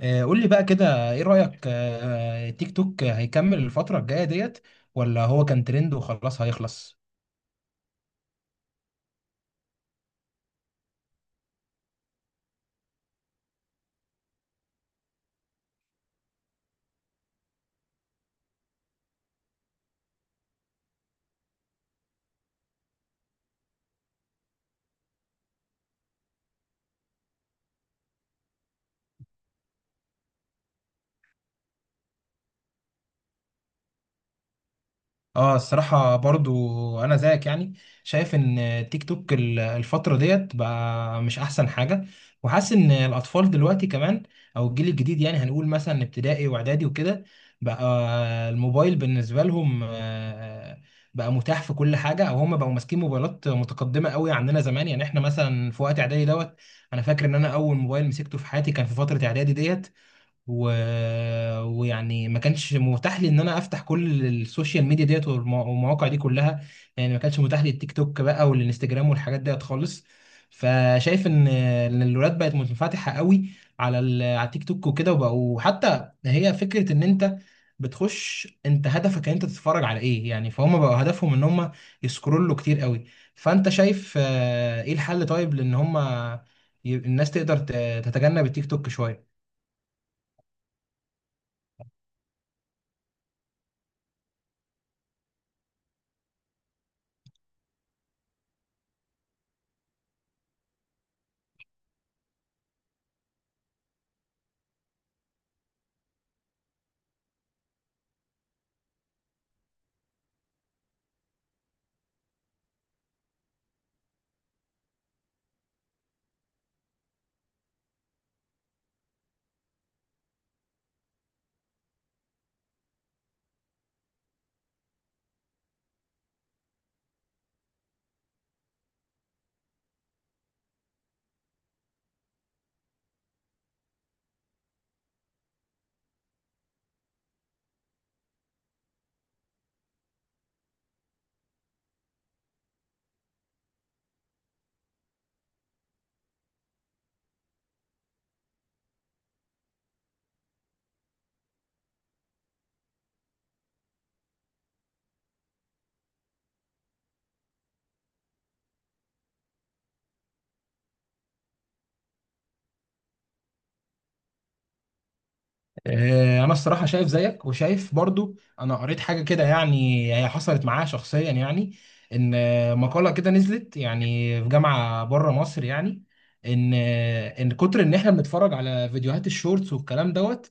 قول لي بقى كده، ايه رأيك تيك توك هيكمل الفترة الجاية ديت، ولا هو كان ترند وخلاص هيخلص؟ اه، الصراحة برضو أنا زيك، يعني شايف إن تيك توك الفترة ديت بقى مش أحسن حاجة. وحاسس إن الأطفال دلوقتي كمان، أو الجيل الجديد، يعني هنقول مثلا ابتدائي وإعدادي وكده، بقى الموبايل بالنسبة لهم بقى متاح في كل حاجة، أو هم بقوا ماسكين موبايلات متقدمة قوي عننا زمان. يعني إحنا مثلا في وقت إعدادي دوت، أنا فاكر إن أنا أول موبايل مسكته في حياتي كان في فترة إعدادي ديت، و... ويعني ما كانش متاح لي ان انا افتح كل السوشيال ميديا ديت، والمواقع دي كلها. يعني ما كانش متاح لي التيك توك بقى والانستجرام والحاجات ديت خالص. فشايف إن الولاد بقت منفتحه قوي على التيك توك وكده، وبقوا حتى هي فكره ان انت بتخش، انت هدفك ان انت تتفرج على ايه، يعني فهم بقوا هدفهم ان هم يسكرولوا كتير قوي. فانت شايف ايه الحل؟ طيب لان هم، الناس تقدر تتجنب التيك توك شويه؟ انا الصراحه شايف زيك، وشايف برضو انا قريت حاجه كده، يعني هي حصلت معايا شخصيا، يعني ان مقاله كده نزلت، يعني في جامعه بره مصر، يعني ان ان كتر ان احنا بنتفرج على فيديوهات الشورتس والكلام دوت،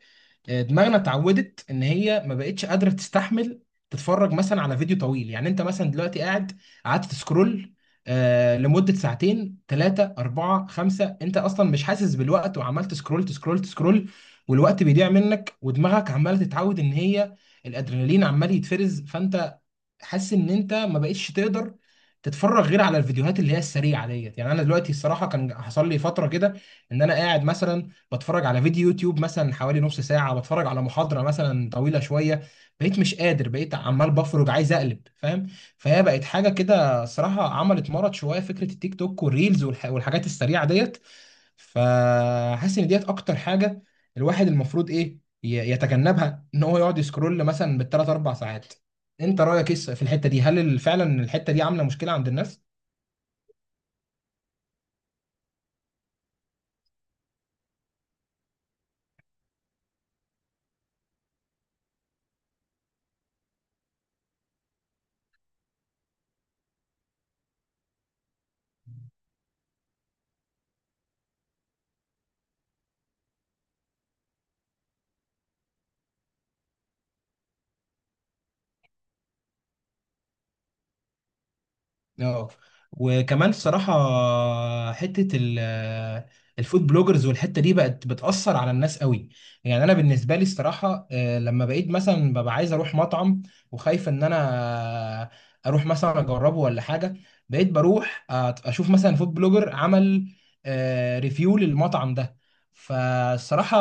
دماغنا اتعودت ان هي ما بقتش قادره تستحمل تتفرج مثلا على فيديو طويل. يعني انت مثلا دلوقتي قاعد قعدت تسكرول لمدة ساعتين، ثلاثة، أربعة، خمسة، أنت أصلا مش حاسس بالوقت، وعمال تسكرول تسكرول تسكرول. والوقت بيضيع منك، ودماغك عماله تتعود ان هي الادرينالين عمال يتفرز، فانت حاسس ان انت ما بقتش تقدر تتفرج غير على الفيديوهات اللي هي السريعه ديت. يعني انا دلوقتي الصراحه كان حصل لي فتره كده ان انا قاعد مثلا بتفرج على فيديو يوتيوب مثلا حوالي نص ساعه، بتفرج على محاضره مثلا طويله شويه، بقيت مش قادر، بقيت عمال بفرج عايز اقلب، فاهم؟ فهي بقت حاجه كده الصراحه، عملت مرض شويه فكره التيك توك والريلز، والحاجات السريعه ديت. فحاسس ان ديت اكتر حاجه الواحد المفروض ايه، يتجنبها، ان هو يقعد يسكرول مثلا بالثلاث اربع ساعات. انت رايك ايه في الحته دي؟ هل فعلا الحته دي عامله مشكله عند الناس؟ اه، وكمان الصراحة، حتة الفود بلوجرز والحتة دي بقت بتأثر على الناس قوي. يعني أنا بالنسبة لي الصراحة، لما بقيت مثلا ببقى عايز أروح مطعم، وخايف إن أنا أروح مثلا أجربه ولا حاجة، بقيت بروح أشوف مثلا فود بلوجر عمل ريفيو للمطعم ده. فالصراحة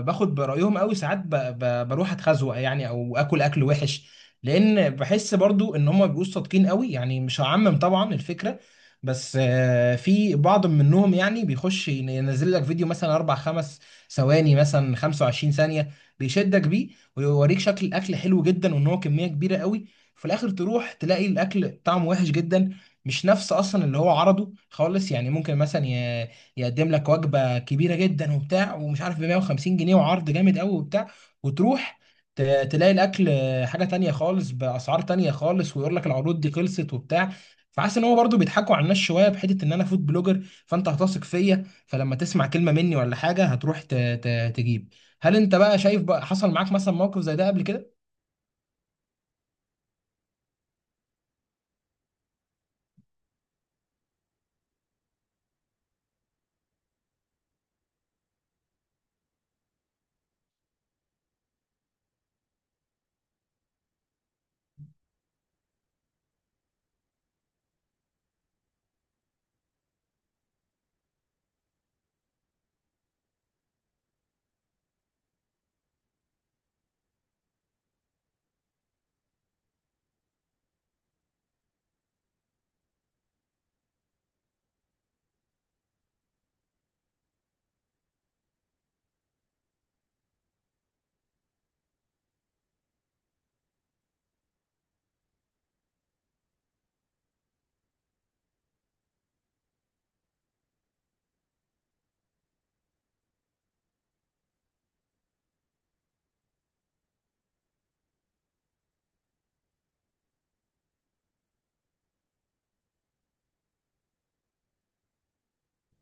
باخد برأيهم قوي ساعات، بروح أتخزوق يعني، أو آكل أكل وحش. لان بحس برضو ان هم بيبقوا صادقين قوي، يعني مش هعمم طبعا الفكره. بس في بعض منهم يعني بيخش ينزل لك فيديو مثلا اربع خمس ثواني، مثلا 25 ثانيه، بيشدك بيه ويوريك شكل الاكل حلو جدا، وان هو كميه كبيره قوي. في الاخر تروح تلاقي الاكل طعمه وحش جدا، مش نفس اصلا اللي هو عرضه خالص. يعني ممكن مثلا، يقدم لك وجبه كبيره جدا وبتاع ومش عارف ب 150 جنيه وعرض جامد قوي وبتاع، وتروح تلاقي الاكل حاجه تانية خالص باسعار تانية خالص، ويقول لك العروض دي خلصت وبتاع. فحاسس ان هو برضه بيضحكوا على الناس شويه، بحته ان انا فود بلوجر فانت هتثق فيا، فلما تسمع كلمه مني ولا حاجه هتروح تجيب. هل انت بقى شايف، بقى حصل معاك مثلا موقف زي ده قبل كده؟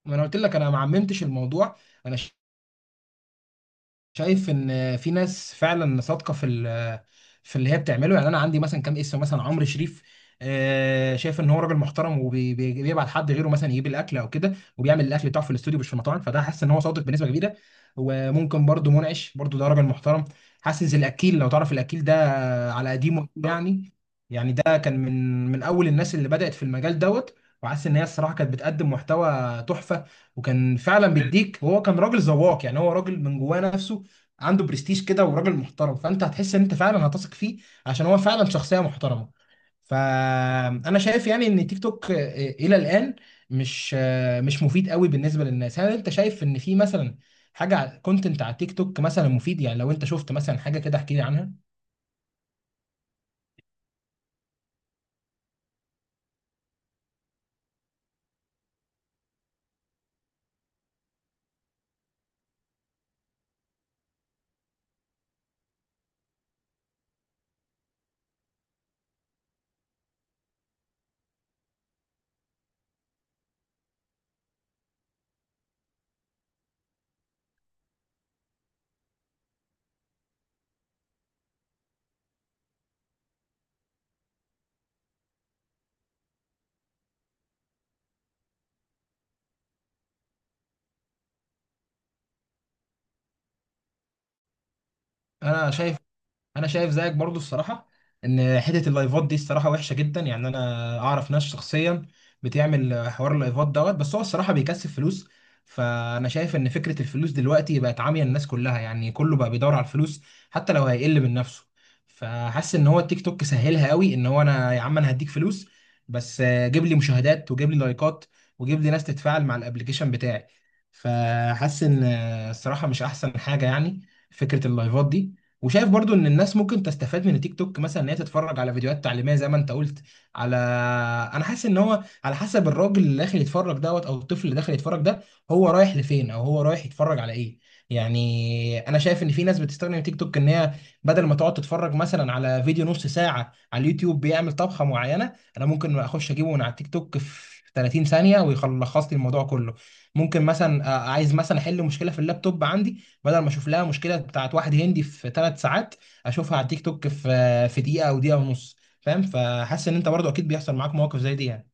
ما انا قلت لك انا ما عممتش الموضوع. انا شايف ان في ناس فعلا صادقه في اللي هي بتعمله. يعني انا عندي مثلا كام اسم، مثلا عمرو شريف، شايف ان هو راجل محترم، وبيبعت حد غيره مثلا يجيب الاكل او كده، وبيعمل الاكل بتاعه في الاستوديو مش في المطاعم، فده حاسس ان هو صادق بنسبه كبيره. وممكن برضو منعش برضو، ده راجل محترم حاسس الاكيل لو تعرف الاكيل ده، على قديمه يعني. يعني ده كان من اول الناس اللي بدات في المجال دوت، وحاسس ان هي الصراحه كانت بتقدم محتوى تحفه، وكان فعلا بيديك، وهو كان راجل ذواق يعني، هو راجل من جواه نفسه. عنده برستيج كده، وراجل محترم، فانت هتحس ان انت فعلا هتثق فيه، عشان هو فعلا شخصيه محترمه. فانا شايف يعني ان تيك توك الى الان مش مفيد قوي بالنسبه للناس. هل انت شايف ان في مثلا حاجه كونتنت، على content على تيك توك مثلا مفيد؟ يعني لو انت شفت مثلا حاجه كده احكي لي عنها. انا شايف انا شايف زيك برضو الصراحه، ان حته اللايفات دي الصراحه وحشه جدا. يعني انا اعرف ناس شخصيا بتعمل حوار اللايفات دوت، بس هو الصراحه بيكسب فلوس. فانا شايف ان فكره الفلوس دلوقتي بقت عاميه الناس كلها، يعني كله بقى بيدور على الفلوس، حتى لو هيقل من نفسه. فحاسس ان هو التيك توك سهلها قوي، ان هو انا يا عم انا هديك فلوس، بس جيب لي مشاهدات، وجيب لي لايكات، وجيب لي ناس تتفاعل مع الابليكيشن بتاعي. فحاسس ان الصراحه مش احسن حاجه يعني فكره اللايفات دي. وشايف برضو ان الناس ممكن تستفاد من التيك توك، مثلا ان هي تتفرج على فيديوهات تعليميه زي ما انت قلت، على انا حاسس ان هو على حسب الراجل اللي داخل يتفرج دوت، او الطفل اللي داخل يتفرج ده، هو رايح لفين، او هو رايح يتفرج على ايه. يعني انا شايف ان في ناس بتستخدم تيك توك ان هي بدل ما تقعد تتفرج مثلا على فيديو نص ساعه على اليوتيوب بيعمل طبخه معينه، انا ممكن اخش اجيبه من على التيك توك في 30 ثانيه ويخلص لي الموضوع كله. ممكن مثلا عايز مثلا احل مشكله في اللابتوب عندي، بدل ما اشوف لها مشكله بتاعت واحد هندي في 3 ساعات، اشوفها على التيك توك في دقيقه او دقيقه ونص، فاهم؟ فحاسس ان انت برضو اكيد بيحصل معاك مواقف زي دي يعني.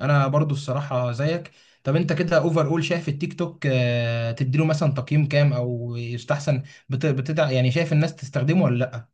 انا برضو الصراحه زيك. طب انت كده اوفر اول شايف التيك توك، تديله مثلا تقييم كام؟ او يستحسن، بتدع يعني شايف الناس تستخدمه ولا لا؟